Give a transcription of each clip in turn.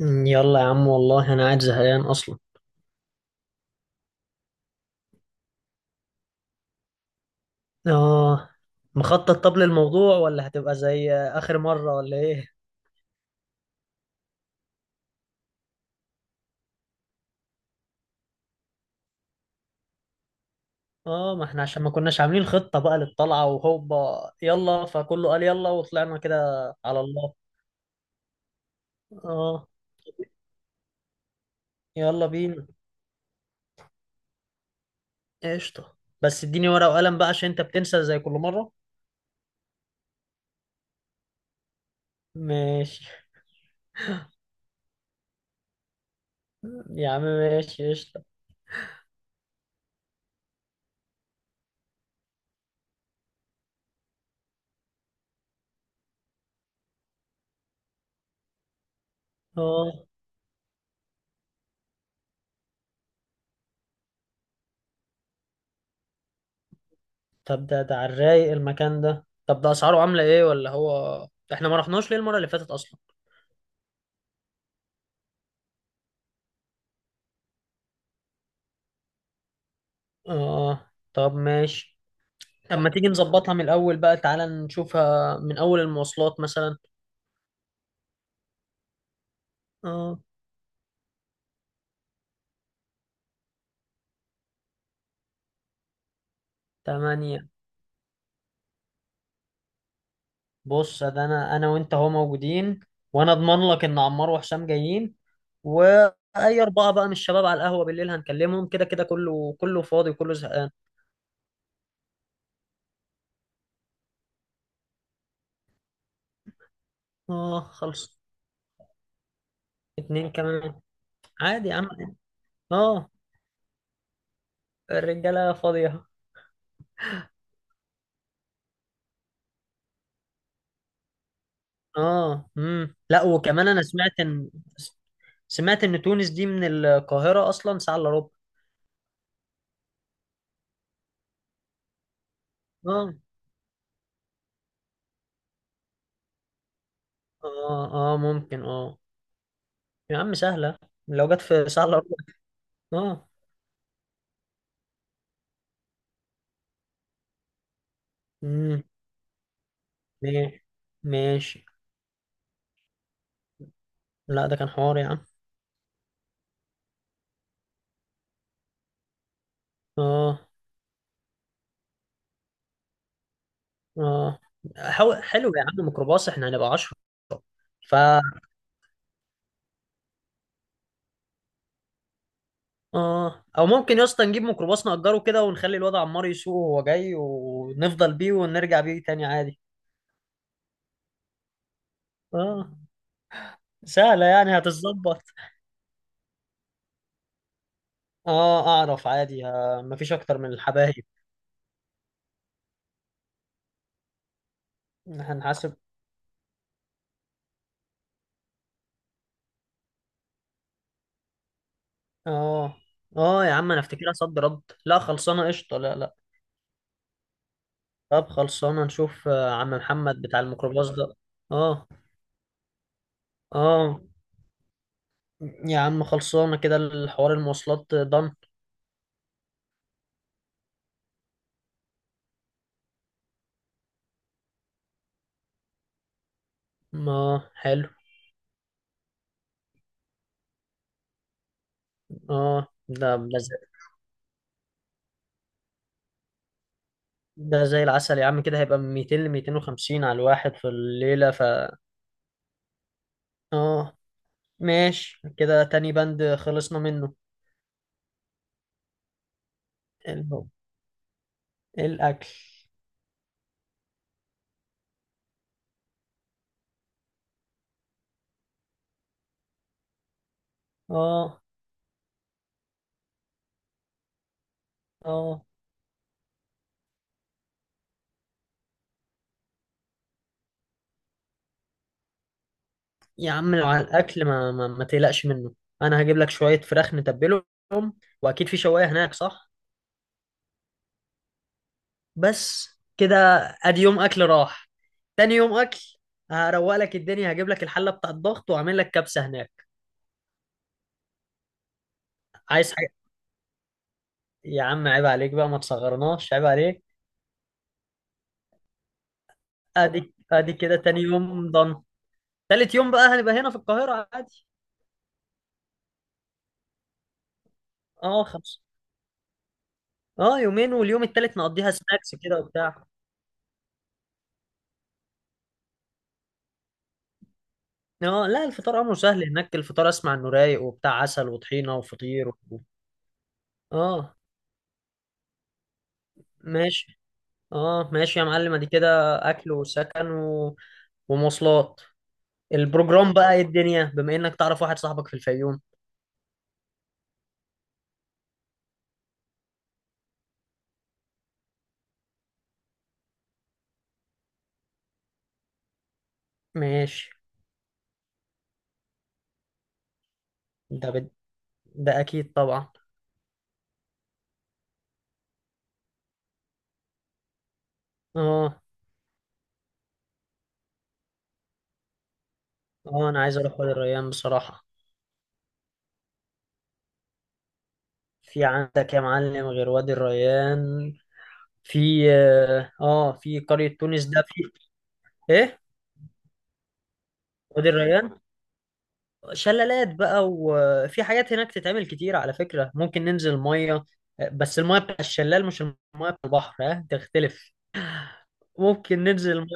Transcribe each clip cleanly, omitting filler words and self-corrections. يلا يا عم، والله انا قاعد زهقان اصلا. اه. مخطط طب للموضوع ولا هتبقى زي اخر مرة ولا ايه؟ اه، ما احنا عشان ما كناش عاملين خطة بقى للطلعة وهوبا يلا، فكله قال يلا وطلعنا كده. على الله. اه، يلا بينا. قشطة، بس اديني ورقة وقلم بقى عشان انت بتنسى زي كل مرة. ماشي يا عم، ماشي قشطة. اه، طب ده على الرايق المكان ده؟ طب ده اسعاره عاملة ايه؟ ولا هو احنا ما رحناش ليه المرة اللي فاتت اصلا؟ اه طب ماشي. طب ما تيجي نظبطها من الأول بقى، تعالى نشوفها من أول المواصلات مثلا. اه. تمانية. بص، ده أنا وأنت أهو موجودين، وأنا أضمن لك إن عمار وحسام جايين. وأي أربعة بقى من الشباب على القهوة بالليل هنكلمهم، كده كده كله كله فاضي وكله زهقان. اه خلص. اتنين كمان عادي يا عم. اه، الرجالة فاضية. اه، لا، وكمان أنا سمعت إن تونس دي من القاهرة أصلا ساعة إلا ربع. اه اه. اه ممكن. اه يا عم سهلة، لو جت في سهلة أروح. اه. امم ماشي، ماشي. لا، ده كان حوار يا عم. اه. اه. حلو يا عم، ميكروباص، احنا هنبقى عشرة. فا، اه، او ممكن يا اسطى نجيب ميكروباص نأجره كده ونخلي الواد عمار يسوق وهو جاي، ونفضل بيه ونرجع بيه تاني عادي. اه، سهلة يعني هتتظبط. اه اعرف عادي، مفيش اكتر من الحبايب. هنحاسب. اه. اه يا عم، انا افتكرها صد رد. لا خلصانة قشطة، لا لا. طب خلصانة، نشوف عم محمد بتاع الميكروباص ده. اه. اه يا عم، خلصانة كده الحوار، المواصلات ضن. اه حلو. اه، ده ده زي, ده زي العسل يا عم، كده هيبقى من 200 ل 250 على الواحد في الليلة ف اه. ماشي، كده تاني بند خلصنا منه. ال- الأكل. اه. اه يا عم، لو على الأكل ما تقلقش منه. أنا هجيب لك شوية فراخ نتبلهم، وأكيد في شواية هناك صح؟ بس كده، ادي يوم اكل راح. تاني يوم اكل هروق لك الدنيا، هجيب لك الحله بتاع الضغط واعمل لك كبسه هناك. عايز حاجه؟ يا عم عيب عليك بقى، ما تصغرناش، عيب عليك. ادي كده تاني يوم ضن. تالت يوم بقى هنبقى هنا في القاهره عادي. اه خمسه. اه، يومين، واليوم التالت نقضيها سناكس كده وبتاع. اه لا، الفطار امره سهل هناك، الفطار اسمع انه رايق وبتاع، عسل وطحينه وفطير و... اه. ماشي. اه ماشي يا معلم، ادي كده. اكل وسكن و... ومواصلات. البروجرام بقى ايه، الدنيا بما انك تعرف واحد صاحبك في الفيوم؟ ماشي. ده بد... ده اكيد طبعا. اه. اه انا عايز اروح وادي الريان بصراحة. في عندك يا معلم غير وادي الريان؟ في اه، في قرية تونس ده في. ايه؟ وادي الريان شلالات بقى، وفي حاجات هناك تتعمل كتير على فكرة، ممكن ننزل مية، بس المية بتاع الشلال مش المية بتاع البحر، ها تختلف. ممكن ننزل المية،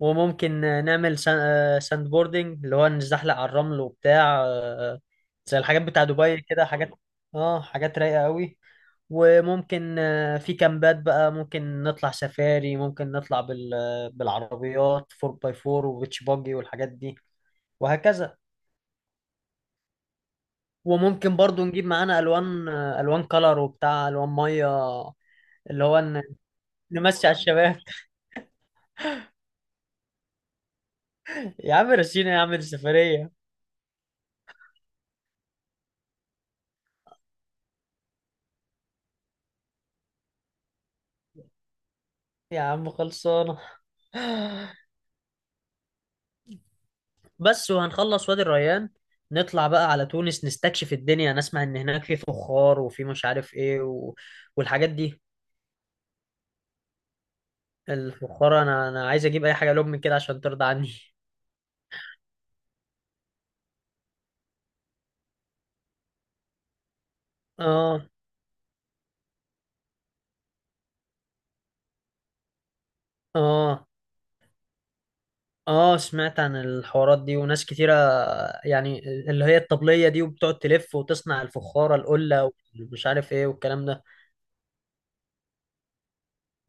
وممكن نعمل ساند بوردنج، اللي هو نزحلق على الرمل وبتاع، زي الحاجات بتاع دبي كده حاجات. اه، حاجات رايقة قوي. وممكن في كامبات بقى، ممكن نطلع سفاري، ممكن نطلع بالعربيات 4 باي 4 وبيتش باجي والحاجات دي، وهكذا. وممكن برضو نجيب معانا الوان، الوان كلر وبتاع، الوان ميه. اللي هو نمشي على الشباب. يا عم رسينا يا عم السفرية. يا عم خلصانة. بس، وهنخلص وادي الريان، نطلع بقى على تونس نستكشف الدنيا، نسمع ان هناك في فخار، وفي مش عارف ايه و... والحاجات دي. الفخار انا عايز اجيب اي حاجه لهم من كده عشان ترضى عني. اه. اه. اه سمعت عن الحوارات دي وناس كتيره يعني، اللي هي الطبليه دي وبتقعد تلف وتصنع الفخاره القله، ومش عارف ايه والكلام ده.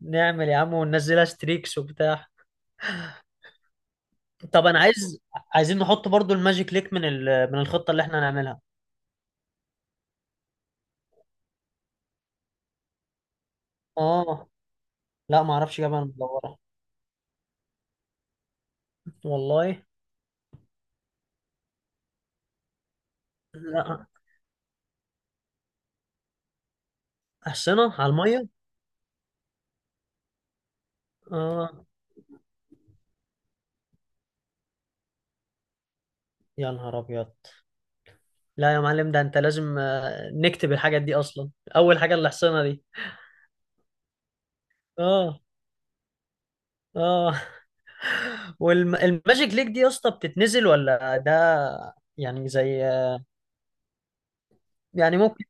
نعمل يا عم، وننزلها ستريكس وبتاع. طب انا عايز، عايزين نحط برضو الماجيك ليك من من الخطه اللي احنا هنعملها. اه لا، ما اعرفش جبل مدورة. والله. لا. أحصنة على المية. اه يا نهار ابيض. لا يا معلم، ده انت لازم نكتب الحاجات دي اصلا. اول حاجة الأحصنة دي. اه. اه. والماجيك ليك دي يا اسطى بتتنزل ولا ده يعني زي يعني ممكن.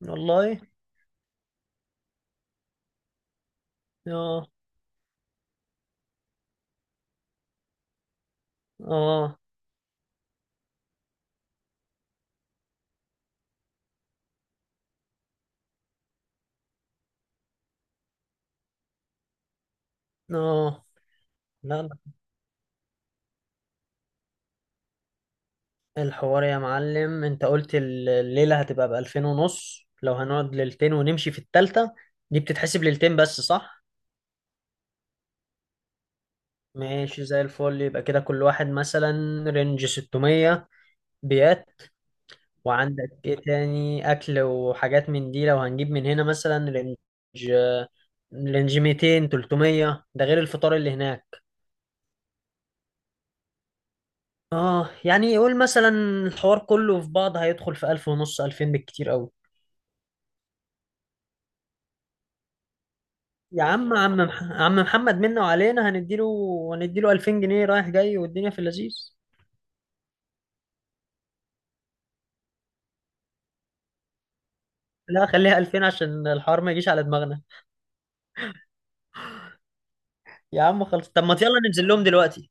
والله. اه اه اه. لا لا، الحوار يا معلم انت قلت الليلة هتبقى بألفين ونص، لو هنقعد ليلتين ونمشي في التالتة، دي بتتحسب ليلتين بس صح؟ ماشي زي الفل، يبقى كده كل واحد مثلا رينج 600. بيات. وعندك ايه تاني، اكل وحاجات من دي لو هنجيب من هنا مثلا، رينج 200 300، ده غير الفطار اللي هناك. اه يعني يقول مثلا، الحوار كله في بعض هيدخل في 1000 ونص 2000 بالكتير قوي. يا عم، عم محمد منا وعلينا، هنديله 2000 جنيه رايح جاي والدنيا في اللذيذ. لا خليها 2000 عشان الحوار ما يجيش على دماغنا. يا عم خلص، طب ما يلا ننزل لهم دلوقتي.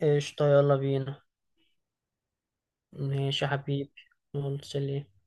قشطة يلا بينا. ماشي يا حبيبي. يلا سلام.